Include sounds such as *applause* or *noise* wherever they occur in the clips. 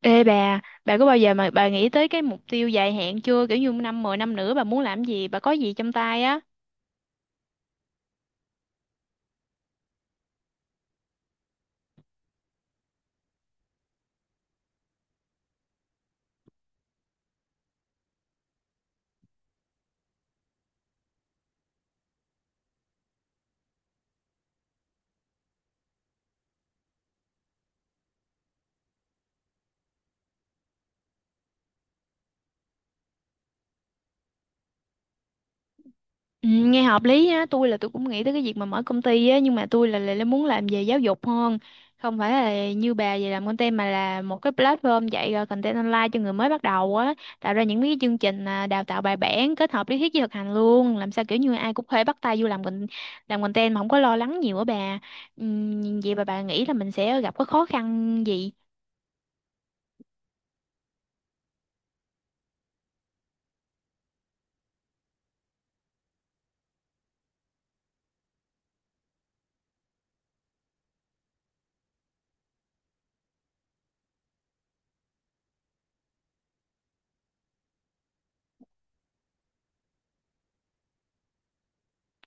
Ê bà có bao giờ mà bà nghĩ tới cái mục tiêu dài hạn chưa? Kiểu như năm 10 năm nữa bà muốn làm gì, bà có gì trong tay á? Ừ, nghe hợp lý á, tôi cũng nghĩ tới cái việc mà mở công ty á, nhưng mà tôi là muốn làm về giáo dục hơn. Không phải là như bà về làm content mà là một cái platform dạy content online cho người mới bắt đầu á, tạo ra những cái chương trình đào tạo bài bản kết hợp lý thuyết với thực hành luôn, làm sao kiểu như ai cũng có thể bắt tay vô làm content mà không có lo lắng nhiều á bà. Ừ, vậy bà nghĩ là mình sẽ gặp có khó khăn gì?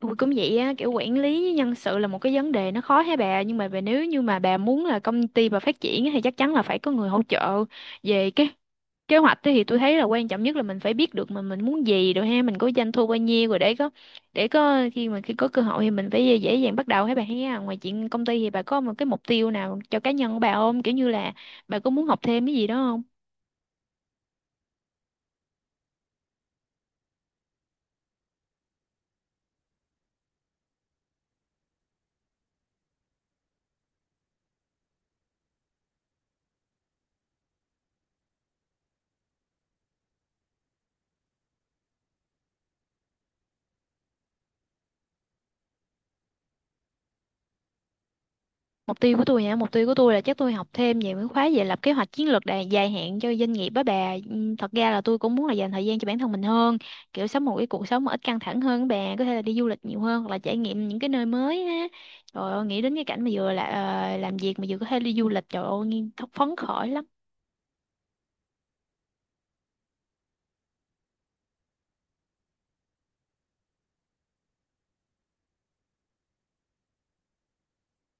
Ui, cũng vậy á, kiểu quản lý với nhân sự là một cái vấn đề nó khó hả bà, nhưng mà bà nếu như mà bà muốn là công ty bà phát triển á, thì chắc chắn là phải có người hỗ trợ về cái kế hoạch á. Thì tôi thấy là quan trọng nhất là mình phải biết được mà mình muốn gì rồi ha, mình có doanh thu bao nhiêu rồi để có, khi mà khi có cơ hội thì mình phải dễ dàng bắt đầu hả bà ha. Ngoài chuyện công ty thì bà có một cái mục tiêu nào cho cá nhân của bà không, kiểu như là bà có muốn học thêm cái gì đó? Mục tiêu của tôi hả? Mục tiêu của tôi là chắc tôi học thêm về mấy khóa về lập kế hoạch chiến lược dài hạn cho doanh nghiệp á bà. Thật ra là tôi cũng muốn là dành thời gian cho bản thân mình hơn, kiểu sống một cái cuộc sống mà ít căng thẳng hơn á bà, có thể là đi du lịch nhiều hơn hoặc là trải nghiệm những cái nơi mới á. Trời ơi, nghĩ đến cái cảnh mà vừa là làm việc mà vừa có thể đi du lịch, trời ơi, nghe thật phấn khởi lắm.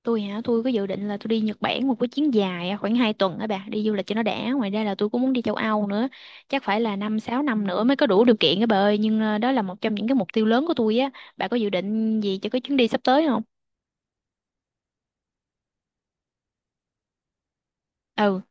Tôi hả, tôi có dự định là tôi đi Nhật Bản một cái chuyến dài á, khoảng 2 tuần á bà, đi du lịch cho nó đã. Ngoài ra là tôi cũng muốn đi châu Âu nữa, chắc phải là năm 6 năm nữa mới có đủ điều kiện á bà ơi, nhưng đó là một trong những cái mục tiêu lớn của tôi á. Bà có dự định gì cho cái chuyến đi sắp tới không? Ừ,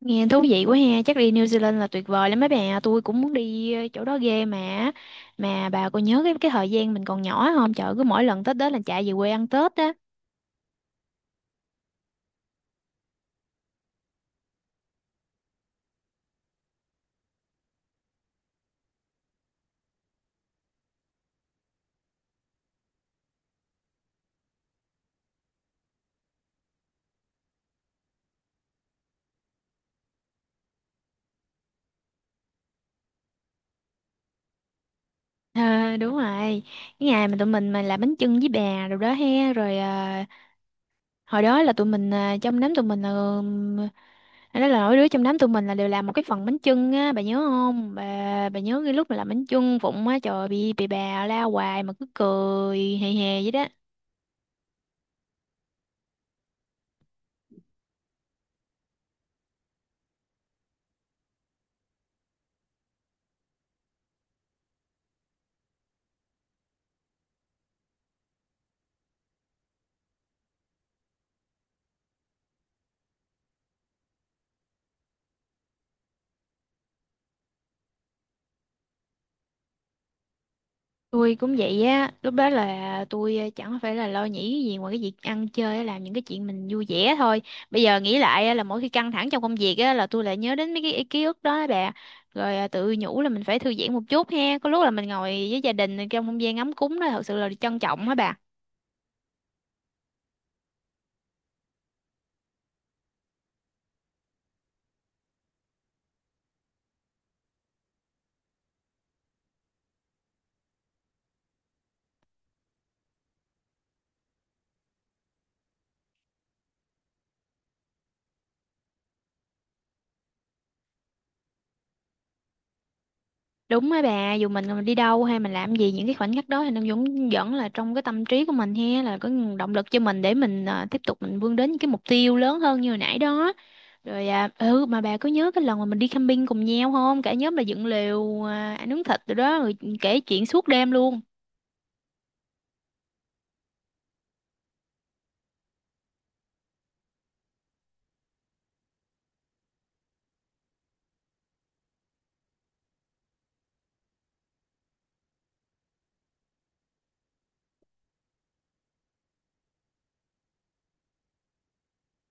nghe thú vị quá ha, chắc đi New Zealand là tuyệt vời lắm mấy bà, tôi cũng muốn đi chỗ đó ghê mà. Mà bà có nhớ cái thời gian mình còn nhỏ không? Trời, cứ mỗi lần Tết đến là chạy về quê ăn Tết á. Ờ, đúng rồi. Cái ngày mà tụi mình mà làm bánh chưng với bà rồi đó he, rồi hồi đó là tụi mình trong đám tụi mình là nói là mỗi đứa trong đám tụi mình là đều làm một cái phần bánh chưng á, bà nhớ không? Bà bà nhớ cái lúc mà làm bánh chưng vụng á, trời, bị bà la hoài mà cứ cười hề hề vậy đó. Tôi cũng vậy á, lúc đó là tôi chẳng phải là lo nghĩ cái gì ngoài cái việc ăn chơi á, làm những cái chuyện mình vui vẻ thôi. Bây giờ nghĩ lại á, là mỗi khi căng thẳng trong công việc á là tôi lại nhớ đến mấy cái ký ức đó á bà. Rồi tự nhủ là mình phải thư giãn một chút ha, có lúc là mình ngồi với gia đình trong không gian ấm cúng đó thật sự là trân trọng á bà. Đúng á bà, dù mình còn đi đâu hay mình làm gì, những cái khoảnh khắc đó thì nó vẫn vẫn là trong cái tâm trí của mình ha, là có động lực cho mình để mình tiếp tục mình vươn đến những cái mục tiêu lớn hơn như hồi nãy đó. Rồi à, ừ mà bà có nhớ cái lần mà mình đi camping cùng nhau không? Cả nhóm là dựng lều ăn nướng thịt rồi đó, rồi kể chuyện suốt đêm luôn.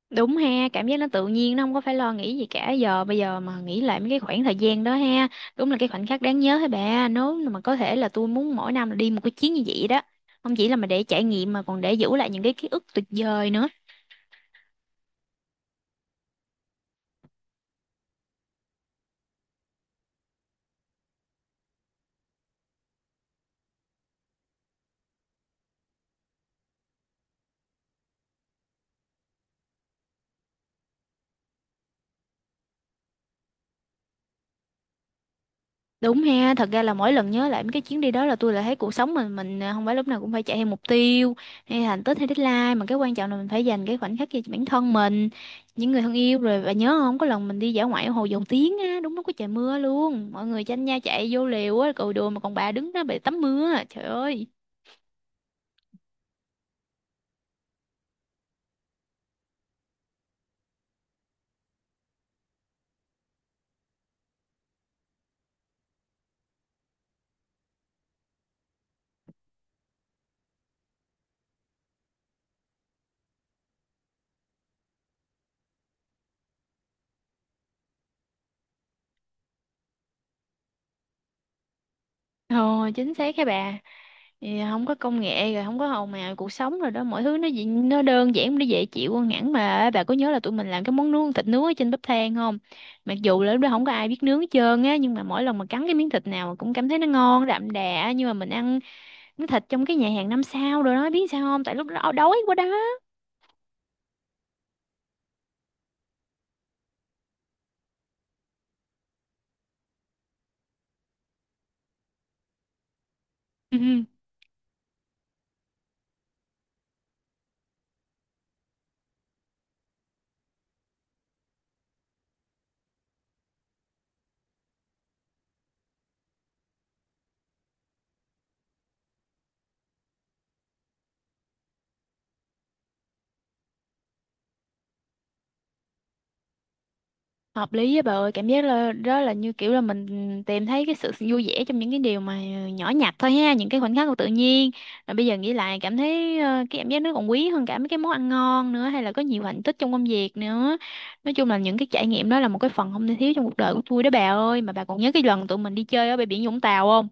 Đúng ha, cảm giác nó tự nhiên, nó không có phải lo nghĩ gì cả. Giờ bây giờ mà nghĩ lại mấy cái khoảng thời gian đó ha, đúng là cái khoảnh khắc đáng nhớ hả bà. Nếu mà có thể là tôi muốn mỗi năm là đi một cái chuyến như vậy đó, không chỉ là mà để trải nghiệm mà còn để giữ lại những cái ký ức tuyệt vời nữa. Đúng ha, thật ra là mỗi lần nhớ lại mấy cái chuyến đi đó là tôi lại thấy cuộc sống mình à, không phải lúc nào cũng phải chạy theo mục tiêu hay thành tích hay deadline, mà cái quan trọng là mình phải dành cái khoảnh khắc cho bản thân mình, những người thân yêu. Rồi và nhớ không, có lần mình đi dã ngoại ở Hồ Dầu Tiếng á, đúng lúc có trời mưa luôn, mọi người tranh nhau chạy vô liều á, cội đùa mà còn bà đứng đó bị tắm mưa. Trời ơi. Ồ, chính xác các bà. Thì không có công nghệ rồi không có hồn màu cuộc sống rồi đó, mọi thứ nó nó đơn giản, nó dễ chịu hơn hẳn. Mà bà có nhớ là tụi mình làm cái món nướng, thịt nướng ở trên bếp than không? Mặc dù là lúc đó không có ai biết nướng hết trơn á, nhưng mà mỗi lần mà cắn cái miếng thịt nào cũng cảm thấy nó ngon đậm đà, nhưng mà mình ăn miếng thịt trong cái nhà hàng năm sao rồi đó, biết sao không, tại lúc đó đói quá đó. *laughs* Hợp lý á bà ơi, cảm giác là đó là như kiểu là mình tìm thấy cái sự vui vẻ trong những cái điều mà nhỏ nhặt thôi ha, những cái khoảnh khắc của tự nhiên. Rồi bây giờ nghĩ lại cảm thấy cái cảm giác nó còn quý hơn cả mấy cái món ăn ngon nữa, hay là có nhiều hạnh tích trong công việc nữa. Nói chung là những cái trải nghiệm đó là một cái phần không thể thiếu trong cuộc đời của tôi đó bà ơi. Mà bà còn nhớ cái lần tụi mình đi chơi ở bãi biển Vũng Tàu không?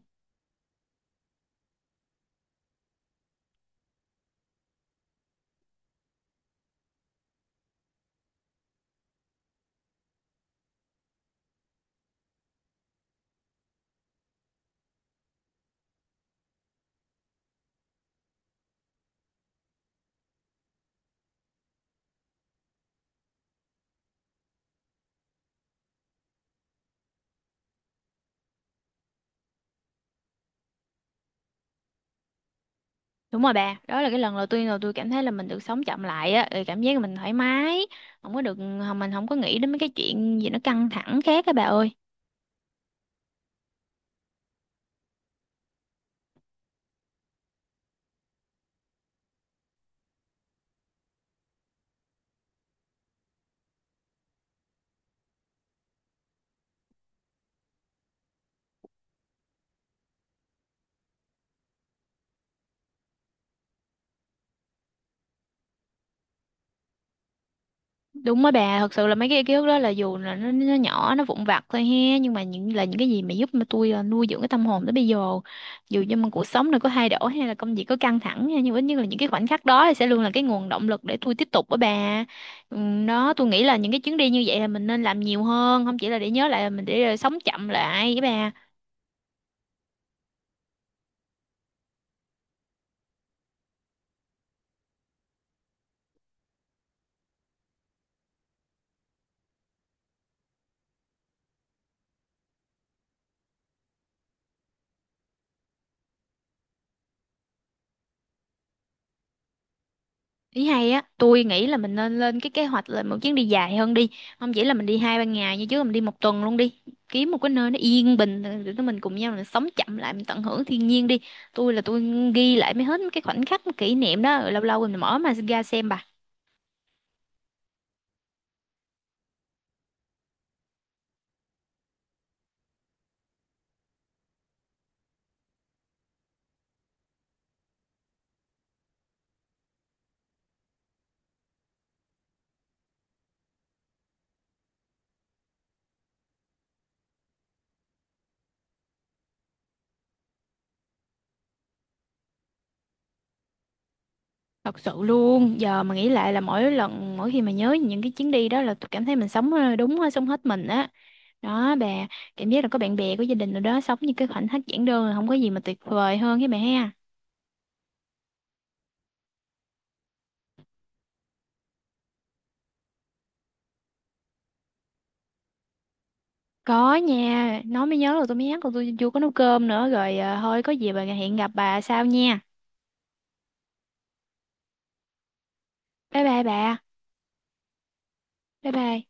Đúng rồi bà, đó là cái lần là tôi cảm thấy là mình được sống chậm lại á, rồi cảm giác là mình thoải mái, không có được, mình không có nghĩ đến mấy cái chuyện gì nó căng thẳng khác á bà ơi. Đúng đó bà, thật sự là mấy cái ký ức đó là dù là nó nhỏ, nó vụn vặt thôi ha, nhưng mà những là những cái gì mà giúp mà tôi nuôi dưỡng cái tâm hồn tới bây giờ. Dù cho mà cuộc sống này có thay đổi hay là công việc có căng thẳng ha, nhưng ít nhất là những cái khoảnh khắc đó thì sẽ luôn là cái nguồn động lực để tôi tiếp tục đó bà. Đó, tôi nghĩ là những cái chuyến đi như vậy là mình nên làm nhiều hơn, không chỉ là để nhớ lại là mình để sống chậm lại với bà. Ý hay á, tôi nghĩ là mình nên lên cái kế hoạch là một chuyến đi dài hơn đi. Không chỉ là mình đi hai ba ngày như trước, là mình đi một tuần luôn đi. Kiếm một cái nơi nó yên bình rồi tụi mình cùng nhau mình sống chậm lại, mình tận hưởng thiên nhiên đi. Tôi là tôi Ghi lại mấy hết mấy cái khoảnh khắc mấy kỷ niệm đó rồi lâu lâu mình mở mà ra xem bà. Thật sự luôn, giờ mà nghĩ lại là mỗi lần mỗi khi mà nhớ những cái chuyến đi đó là tôi cảm thấy mình sống sống hết mình á. Đó bà, cảm giác là có bạn bè, có gia đình rồi đó, sống như cái khoảnh khắc giản đơn là không có gì mà tuyệt vời hơn với bà ha. Có nha, nói mới nhớ là tôi mới nhắc là tôi chưa có nấu cơm nữa rồi à, thôi có gì bà hiện gặp bà sau nha. Bye bye bà. Bye bye.